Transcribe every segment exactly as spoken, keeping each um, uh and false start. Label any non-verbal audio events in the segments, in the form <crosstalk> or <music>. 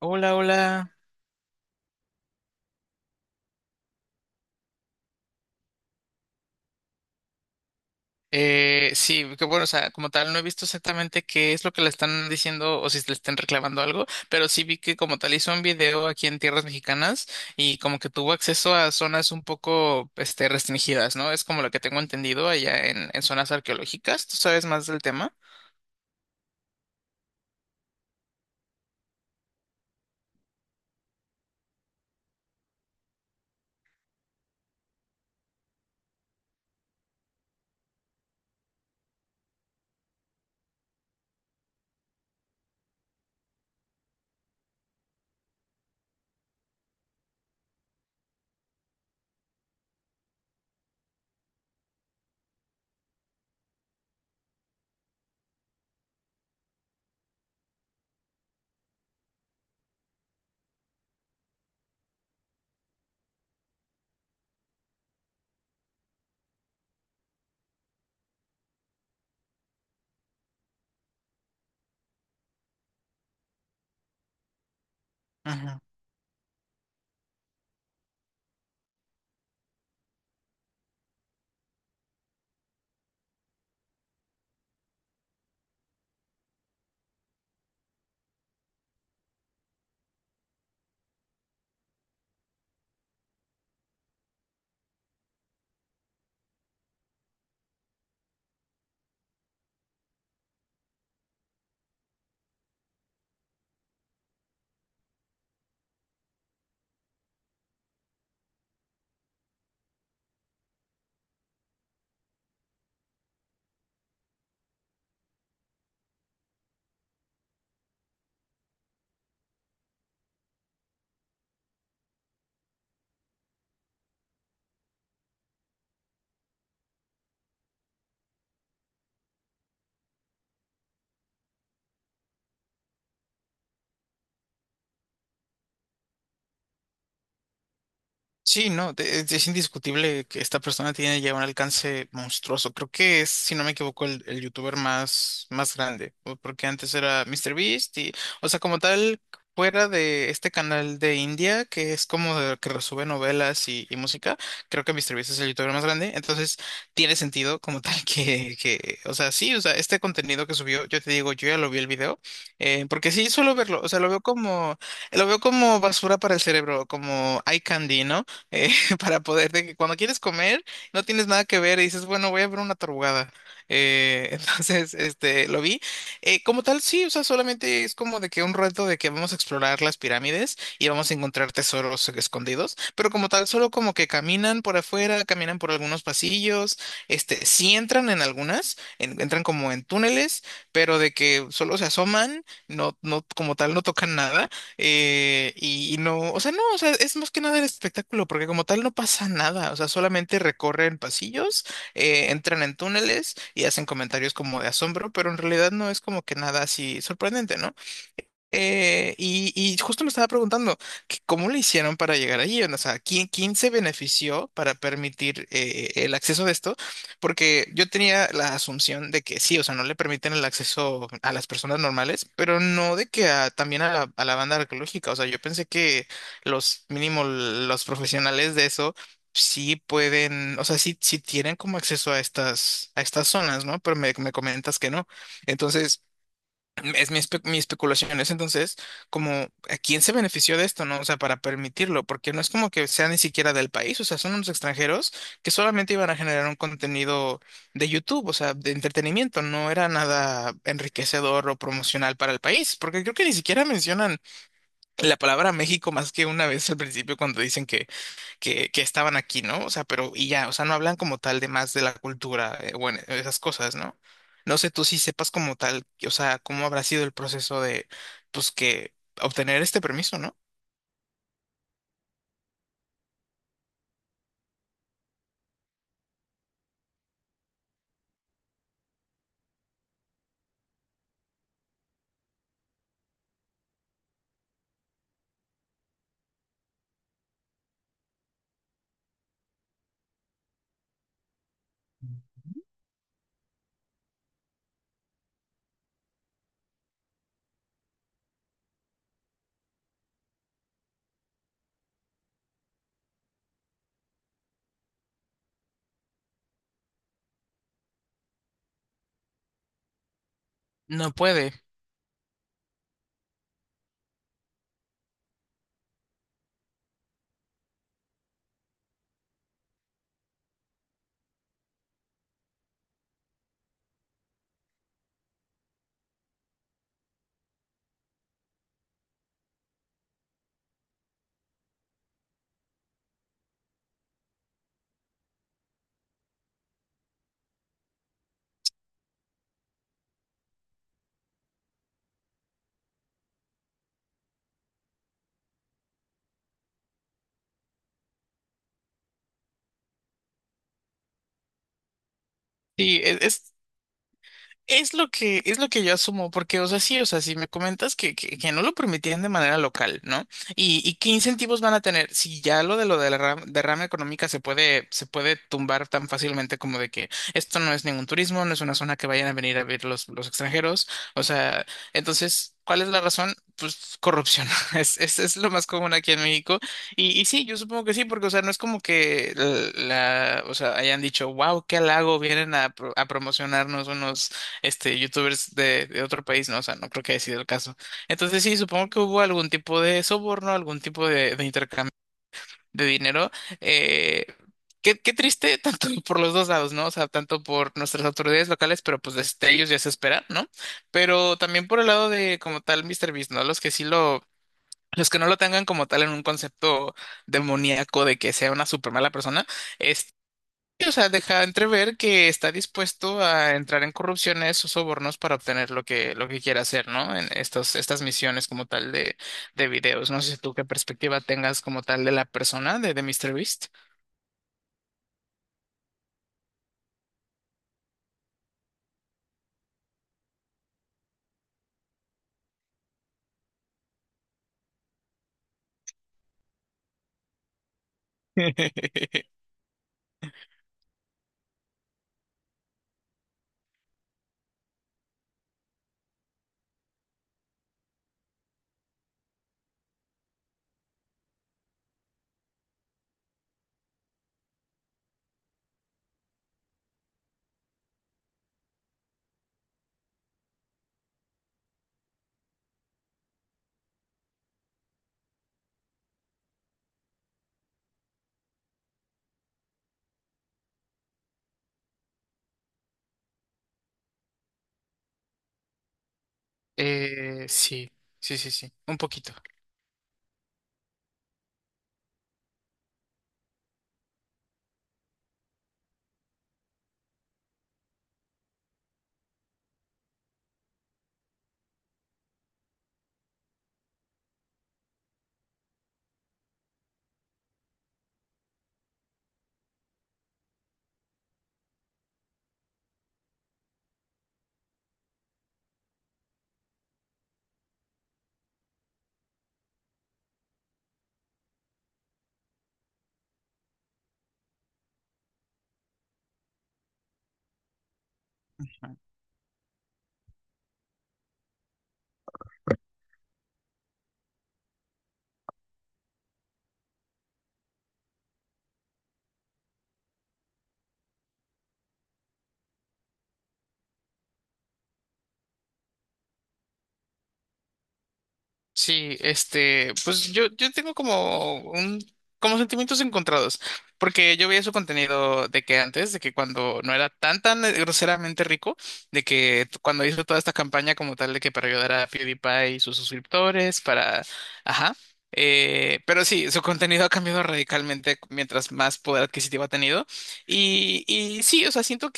Hola, hola. Eh, sí, que bueno, o sea, como tal, no he visto exactamente qué es lo que le están diciendo o si le están reclamando algo, pero sí vi que como tal hizo un video aquí en tierras mexicanas y como que tuvo acceso a zonas un poco, este, restringidas, ¿no? Es como lo que tengo entendido allá en, en zonas arqueológicas. ¿Tú sabes más del tema? Sí, no, de- es es indiscutible que esta persona tiene ya un alcance monstruoso. Creo que es, si no me equivoco, el, el youtuber más, más grande, o- porque antes era mister Beast y, o sea, como tal, fuera de este canal de India, que es como de- que resube novelas y, y música, creo que mister Beast es el youtuber más grande, entonces tiene sentido como tal <laughs> que, que, o sea, sí, o sea, este contenido que subió, yo te digo, yo ya lo vi el video, eh, porque sí suelo verlo, o sea, lo veo como, lo veo como basura para el cerebro, como eye candy, ¿no? eh, <laughs> para poder, de que cuando quieres comer, no tienes nada que ver y dices, bueno, voy a ver una tarugada. Eh, <laughs> entonces, este, lo vi. Eh, como tal, sí, o sea, solamente es como de que un reto de que vamos a explorar las pirámides y vamos a encontrar tesoros escondidos, pero como tal, solo como que caminan por afuera, caminan por algunos pasillos, este, sí entran en algunas, en- entran como en túneles, pero de que solo se asoman, no, no, como tal, no tocan nada. eh, y, y no, o sea, no, o sea, es más que nada el espectáculo, porque como tal no pasa nada, o sea, solamente recorren pasillos, eh, entran en túneles y hacen comentarios como de asombro, pero en realidad no es como que nada así sorprendente, ¿no? Eh, y, y justo me estaba preguntando que cómo le hicieron para llegar allí, o sea, ¿quién, quién se benefició para permitir eh, el acceso de esto? Porque yo tenía la asunción de que sí, o sea, no le permiten el acceso a las personas normales, pero no de que a- también a la, a la banda arqueológica, o sea, yo pensé que los mínimo los profesionales de eso sí pueden, o sea, sí, sí tienen como acceso a estas, a estas zonas, ¿no? Pero me, me comentas que no. Entonces... Es mi, espe- mi especulación, es entonces como a quién se benefició de esto, ¿no? O sea, para permitirlo, porque no es como que sea ni siquiera del país, o sea, son unos extranjeros que solamente iban a generar un contenido de YouTube, o sea, de entretenimiento, no era nada enriquecedor o promocional para el país, porque creo que ni siquiera mencionan la palabra México más que una vez al principio cuando dicen que que, que estaban aquí, ¿no? O sea, pero y ya, o sea, no hablan como tal de más de la cultura, eh, bueno, esas cosas, ¿no? No sé tú si sepas como tal, o sea, cómo habrá sido el proceso de, pues, que obtener este permiso, ¿no? No puede. Sí, e- es, es lo que, es lo que yo asumo, porque, o sea, sí, o sea, si me comentas que, que, que no lo permitían de manera local, ¿no? Y, y qué incentivos van a tener si ya lo de lo de la ra- derrama económica se puede, se puede tumbar tan fácilmente como de que esto no es ningún turismo, no es una zona que vayan a venir a ver los, los extranjeros. O sea, entonces, ¿cuál es la razón? Pues corrupción. <laughs> Es, es, es lo más común aquí en México. Y, y sí, yo supongo que sí, porque, o sea, no es como que la, la- o sea, hayan dicho, wow, qué halago, vienen a, pro- a promocionarnos unos este, youtubers de, de otro país, ¿no? O sea, no creo que haya sido el caso. Entonces sí, supongo que hubo algún tipo de soborno, algún tipo de, de intercambio de dinero. Eh, qué, qué triste, <laughs> tanto por los dos lados, ¿no? O sea, tanto por nuestras autoridades locales, pero pues desde ellos ya se espera, ¿no? Pero también por el lado de como tal MrBeast, ¿no? Los que sí lo... Los que no lo tengan como tal en un concepto demoníaco de que sea una súper mala persona, este, y, o sea, deja entrever que está dispuesto a entrar en corrupciones o sobornos para obtener lo que, lo que quiera hacer, ¿no? En estos, estas misiones como tal de, de videos. No sé si tú qué perspectiva tengas como tal de la persona de, de MrBeast. <laughs> Eh, sí, sí, sí, sí, un poquito. Sí, este, pues yo, yo tengo como un, como sentimientos encontrados, porque yo veía su contenido de que antes, de que cuando no era tan, tan eh, groseramente rico, de que t- cuando hizo toda esta campaña como tal de que para ayudar a PewDiePie y sus suscriptores, para, ajá, eh, pero sí, su contenido ha cambiado radicalmente mientras más poder adquisitivo ha tenido, y, y sí, o sea, siento.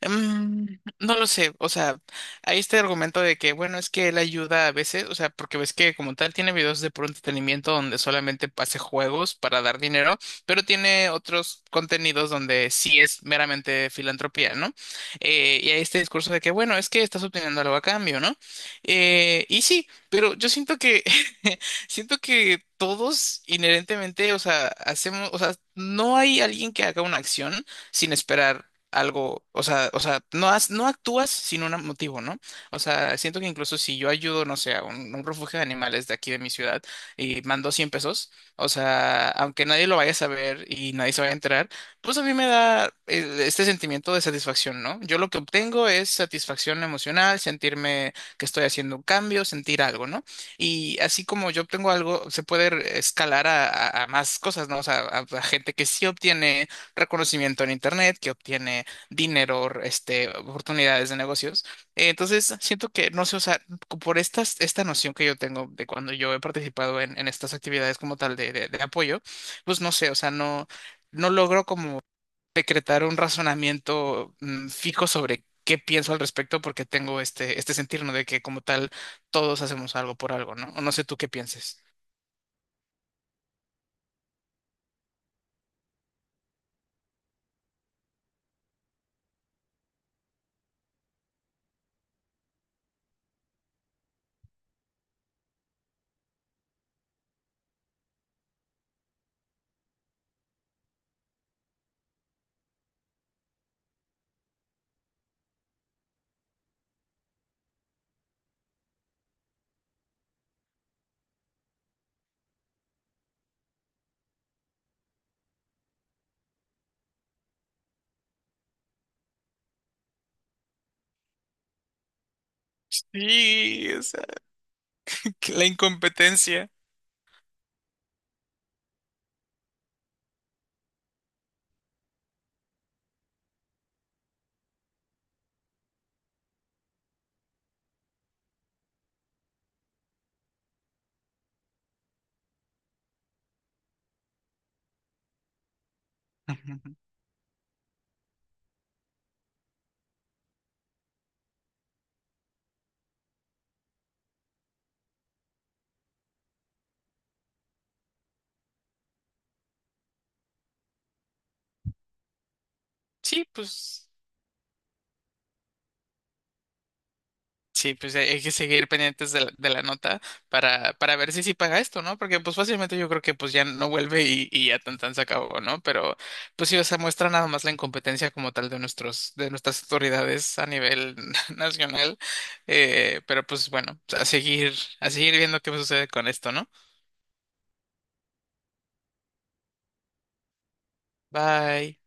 Mm, no lo sé, o sea, hay este argumento de que, bueno, es que él ayuda a veces, o sea, porque ves que como tal tiene videos de puro entretenimiento donde solamente pase juegos para dar dinero, pero tiene otros contenidos donde sí es meramente filantropía, ¿no? Eh, y hay este discurso de que, bueno, es que estás obteniendo algo a cambio, ¿no? Eh, y sí, pero yo siento que, <laughs> siento que todos inherentemente, o sea, hacemos, o sea, no hay alguien que haga una acción sin esperar algo, o sea, o sea, no, has- no actúas sin un motivo, ¿no? O sea, siento que incluso si yo ayudo, no sé, a un, un refugio de animales de aquí de mi ciudad y mando cien pesos, o sea, aunque nadie lo vaya a saber y nadie se vaya a enterar, pues a mí me da eh, este sentimiento de satisfacción, ¿no? Yo lo que obtengo es satisfacción emocional, sentirme que estoy haciendo un cambio, sentir algo, ¿no? Y así como yo obtengo algo, se puede escalar a, a- a más cosas, ¿no? O sea, a a gente que sí obtiene reconocimiento en Internet, que obtiene dinero, este, oportunidades de negocios. Eh, Entonces, siento que, no sé, o sea, co- por estas, esta noción que yo tengo de cuando yo he participado en, en estas actividades como tal de, de- de apoyo, pues no sé, o sea, no, no logro como decretar un razonamiento mm, fijo sobre qué pienso al respecto porque tengo este, este sentir, ¿no? De que como tal todos hacemos algo por algo, ¿no? O no sé tú qué pienses. Sí, o sea, que la incompetencia. Ujú. Sí, pues. Sí, pues hay hay que seguir pendientes de la, de la nota para, para ver si sí paga esto, ¿no? Porque pues fácilmente yo creo que pues ya no vuelve y, y ya tan tan se acabó, ¿no? Pero pues sí, o sea, muestra nada más la incompetencia como tal de nuestros, de nuestras autoridades a nivel <laughs> nacional. Eh, pero pues bueno, a seguir, a seguir viendo qué sucede con esto, ¿no? Bye.